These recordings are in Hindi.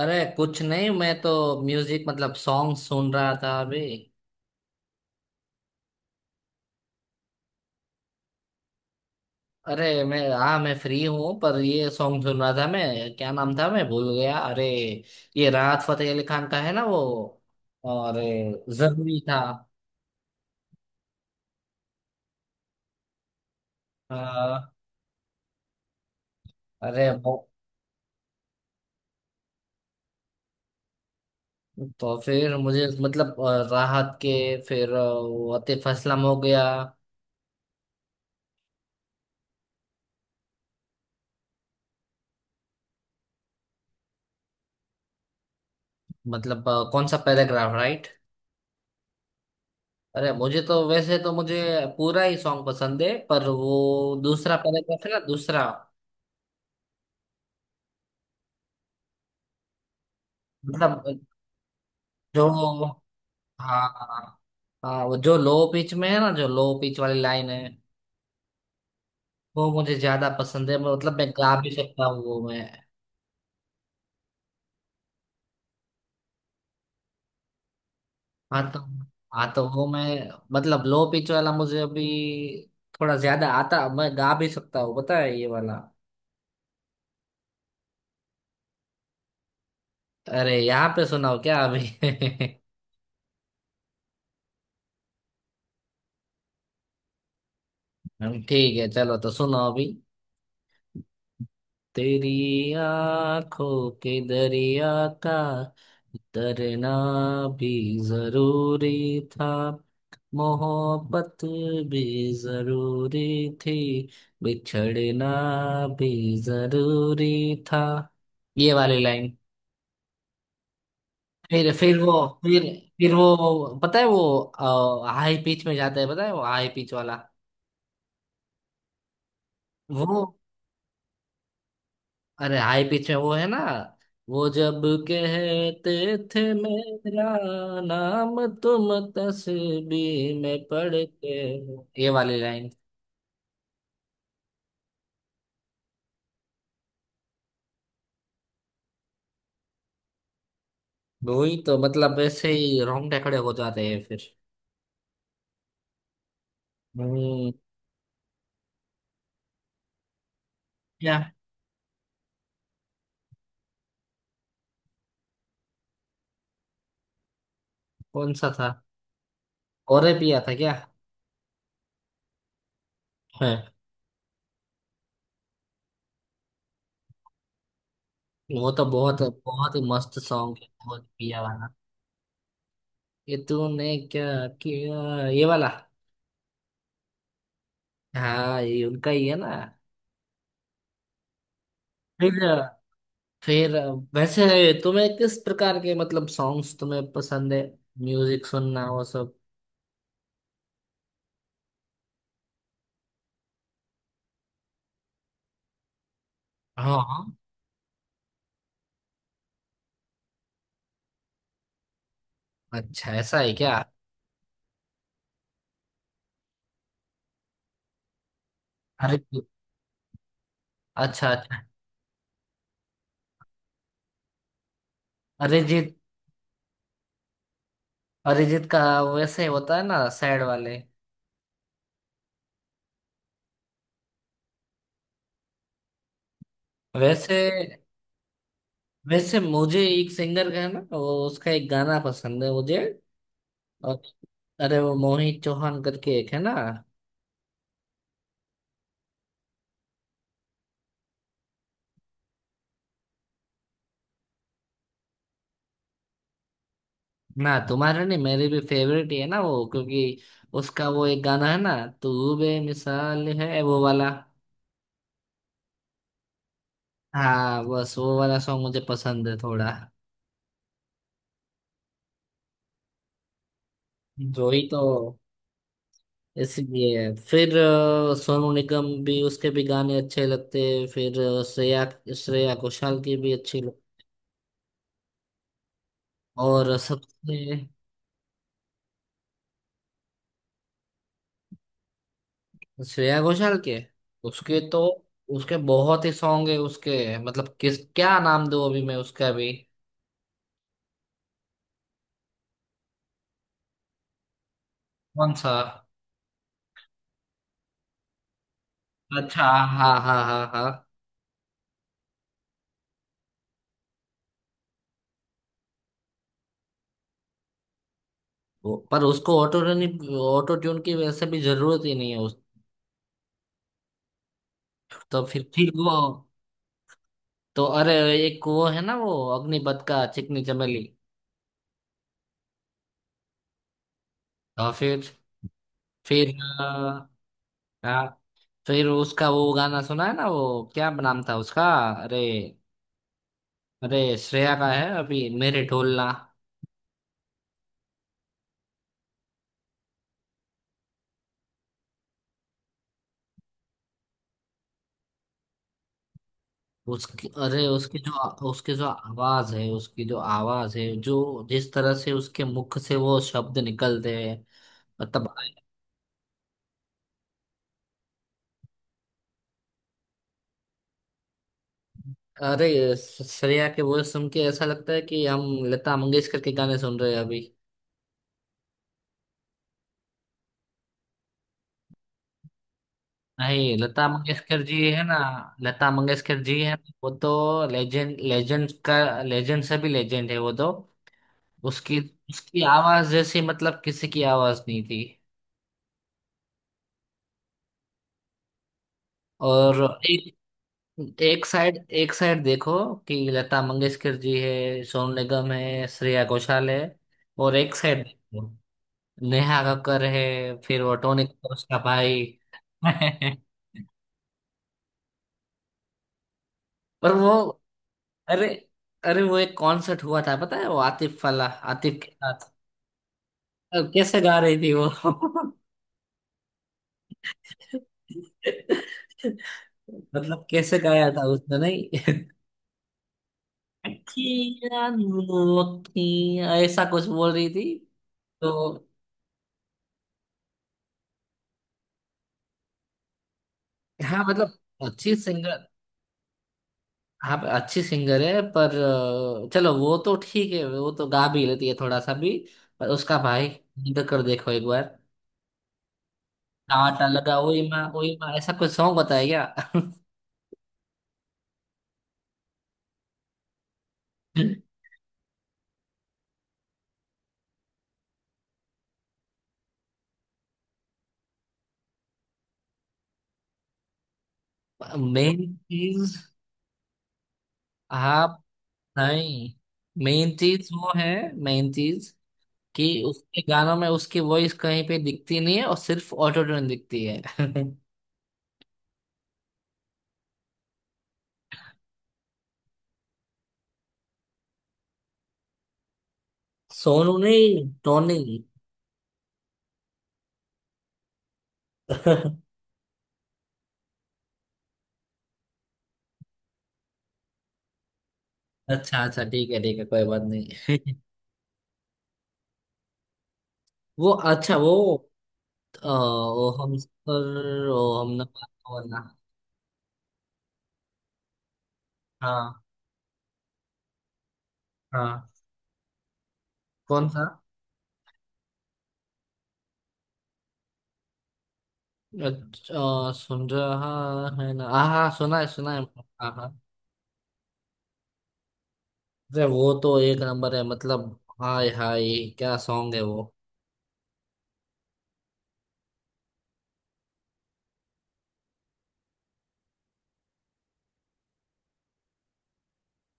अरे कुछ नहीं, मैं तो म्यूजिक मतलब सॉन्ग सुन रहा था अभी। अरे मैं हाँ, मैं फ्री हूँ, पर ये सॉन्ग सुन रहा था। मैं, क्या नाम था, मैं भूल गया, अरे। ये राहत फतेह अली खान का है ना, वो। और जरूरी था। हाँ, अरे वो। तो फिर मुझे मतलब राहत के, फिर वो आतिफ असलम हो गया। मतलब कौन सा पैराग्राफ, राइट? अरे मुझे तो, वैसे तो मुझे पूरा ही सॉन्ग पसंद है, पर वो दूसरा पैराग्राफ है ना, दूसरा। मतलब जो हाँ हाँ। हाँ, वो जो लो पिच में है ना, जो लो पिच वाली लाइन है, वो मुझे ज्यादा पसंद है। मतलब मैं गा भी सकता हूँ वो। मैं हाँ तो हाँ तो वो मैं मतलब लो पिच वाला मुझे अभी थोड़ा ज्यादा आता। मैं गा भी सकता हूँ, पता है, ये वाला। अरे यहाँ पे सुनाओ क्या अभी? हम, ठीक है, चलो तो सुनो अभी। तेरी आंखों के दरिया का तरना भी जरूरी था, मोहब्बत भी जरूरी थी, बिछड़ना भी जरूरी था। ये वाली लाइन। फिर वो फिर फिर वो पता है, वो हाई पिच में जाता है। पता है, वो हाई पिच वाला। वो, अरे हाई पिच में वो है ना, वो जब कहते थे, मेरा नाम तुम तस्वीर में पढ़ के हो। ये वाली लाइन। वही तो मतलब, ऐसे ही रोंगटे खड़े हो जाते हैं फिर। हम्म। क्या? कौन सा था? और पिया था क्या? है। वो तो बहुत बहुत ही मस्त सॉन्ग है, बहुत पिया वाला। ये तूने क्या किया, ये वाला। हाँ, ये उनका ही है ना। फिर फिर वैसे तुम्हें किस प्रकार के मतलब सॉन्ग्स तुम्हें पसंद है, म्यूजिक सुनना, वो सब। हाँ हाँ। अच्छा, ऐसा है क्या? अरे, अच्छा अच्छा। अरिजीत अरिजीत का वैसे होता है ना, सैड वाले। वैसे वैसे मुझे एक सिंगर का है ना, वो उसका एक गाना पसंद है मुझे। और अरे वो मोहित चौहान करके एक है ना। ना, तुम्हारा नहीं, मेरी भी फेवरेट ही है ना वो, क्योंकि उसका वो एक गाना है ना, तू बेमिसाल है, वो वाला। हाँ, बस वो वाला सॉन्ग मुझे पसंद है थोड़ा। जो ही तो। इसलिए फिर सोनू निगम भी, उसके भी गाने अच्छे लगते हैं। फिर श्रेया श्रेया घोषाल की भी अच्छी लग- और सबसे। श्रेया घोषाल के, उसके तो, उसके बहुत ही सॉन्ग है। उसके मतलब किस, क्या नाम दूँ अभी मैं उसका भी? कौन सा? अच्छा, हाँ हाँ हाँ हाँ। वो- पर उसको ऑटो ऑटो ट्यून की वैसे भी जरूरत ही नहीं है उस। तो फिर ठीक वो तो। अरे एक वो है ना, वो अग्निपथ का चिकनी चमेली। और फिर अ, हाँ। फिर उसका वो गाना सुना है ना, वो क्या नाम था उसका? अरे। अरे श्रेया का है, अभी मेरे ढोलना। उसकी, अरे उसकी जो, उसकी जो आवाज है, उसकी जो आवाज है, जो जिस तरह से उसके मुख से वो शब्द निकलते हैं। मतलब, अरे श्रेया के वो सुन के ऐसा लगता है कि हम लता मंगेशकर के गाने सुन रहे हैं अभी। नहीं, लता मंगेशकर जी है ना। लता मंगेशकर जी है ना, वो तो लेजेंड, लेजेंड का लेजेंड, से भी लेजेंड है वो तो। उसकी उसकी आवाज जैसी मतलब किसी की आवाज नहीं थी। और एक, एक साइड, एक साइड देखो कि लता मंगेशकर जी है, सोनू निगम है, श्रेया घोषाल है। और एक साइड देखो, नेहा कक्कर है, फिर वो टोनी कक्कर, उसका भाई। पर वो, अरे अरे वो एक कॉन्सर्ट हुआ था, पता है, वो आतिफ वाला, आतिफ के साथ। अब कैसे गा रही थी वो? मतलब कैसे गाया था उसने, नहीं। अखियाँ नो अखियाँ, ऐसा कुछ बोल रही थी। तो हाँ, मतलब अच्छी सिंगर, हाँ, अच्छी सिंगर है, पर चलो वो तो ठीक है, वो तो गा भी लेती है थोड़ा सा भी। पर उसका भाई निकल कर देखो एक बार, टाटा लगा, ओए माँ, ओए माँ, ऐसा कुछ सॉन्ग बताया। क्या? मेन चीज आप, नहीं, मेन चीज वो है, मेन चीज कि उसके गानों में उसकी वॉइस कहीं पे दिखती नहीं है, और सिर्फ ऑटो ट्यून दिखती है। सोनू नहीं, टोनी। अच्छा अच्छा, ठीक है ठीक है, कोई बात नहीं। वो, अच्छा, वो वो हम सर वो हमने बात हुआ ना। हाँ हाँ। कौन सा? अच्छा, सुन रहा है ना, हाँ हाँ, सुना है सुना है। हाँ, अरे वो तो एक नंबर है, मतलब हाय हाय, क्या सॉन्ग है वो।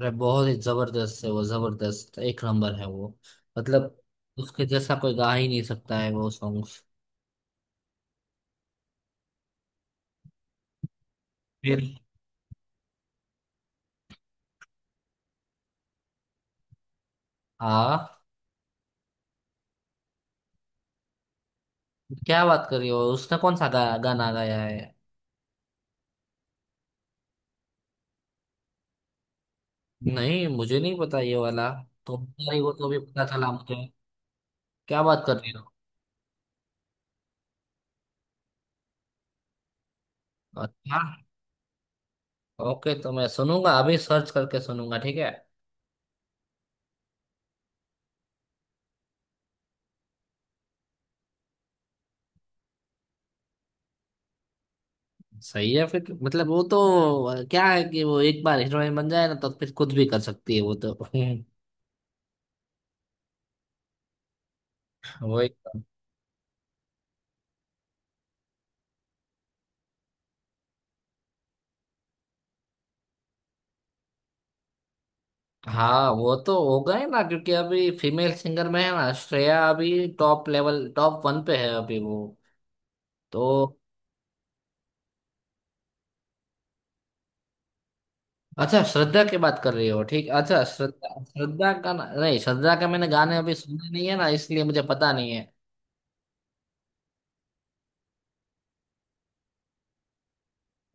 अरे बहुत ही जबरदस्त है वो, जबरदस्त, एक नंबर है वो। मतलब उसके जैसा कोई गा ही नहीं सकता है वो सॉन्ग। फिर। हाँ, क्या बात कर रही हो? उसने कौन सा गाना गाया है? नहीं, मुझे नहीं पता ये वाला। तो बता रही हो तो भी पता चला मुझे, क्या बात कर रही हो। अच्छा, ओके, तो मैं सुनूंगा, अभी सर्च करके सुनूंगा, ठीक है। सही है, फिर मतलब वो तो क्या है कि वो एक बार हीरोइन बन जाए ना, तो फिर कुछ भी कर सकती है वो तो। वो एक। हाँ, वो तो हो गए ना, क्योंकि अभी फीमेल सिंगर में है ना श्रेया, अभी टॉप लेवल, टॉप वन पे है अभी वो। तो अच्छा, श्रद्धा की बात कर रही हो, ठीक। अच्छा, श्रद्धा श्रद्धा का ना- नहीं, श्रद्धा का मैंने गाने अभी सुने नहीं है ना, इसलिए मुझे पता नहीं है।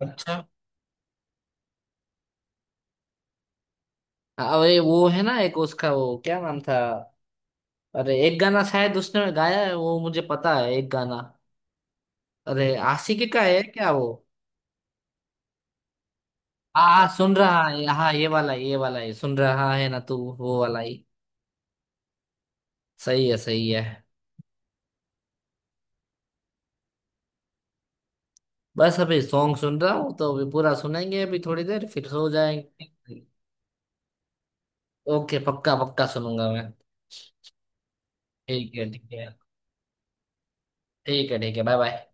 अच्छा। हाँ, अरे वो है ना एक, उसका वो क्या नाम था? अरे, एक गाना शायद उसने गाया है वो, मुझे पता है एक गाना। अरे, आशिकी का है क्या वो? हाँ हाँ, सुन रहा है, हाँ, ये वाला, ये वाला है, सुन रहा है ना तू, वो वाला ही। सही है, सही है। बस अभी सॉन्ग सुन रहा हूँ, तो अभी पूरा सुनेंगे, अभी थोड़ी देर, फिर सो जाएंगे। ओके, पक्का पक्का सुनूंगा मैं। ठीक है, ठीक है। ठीक है, ठीक है, बाय बाय।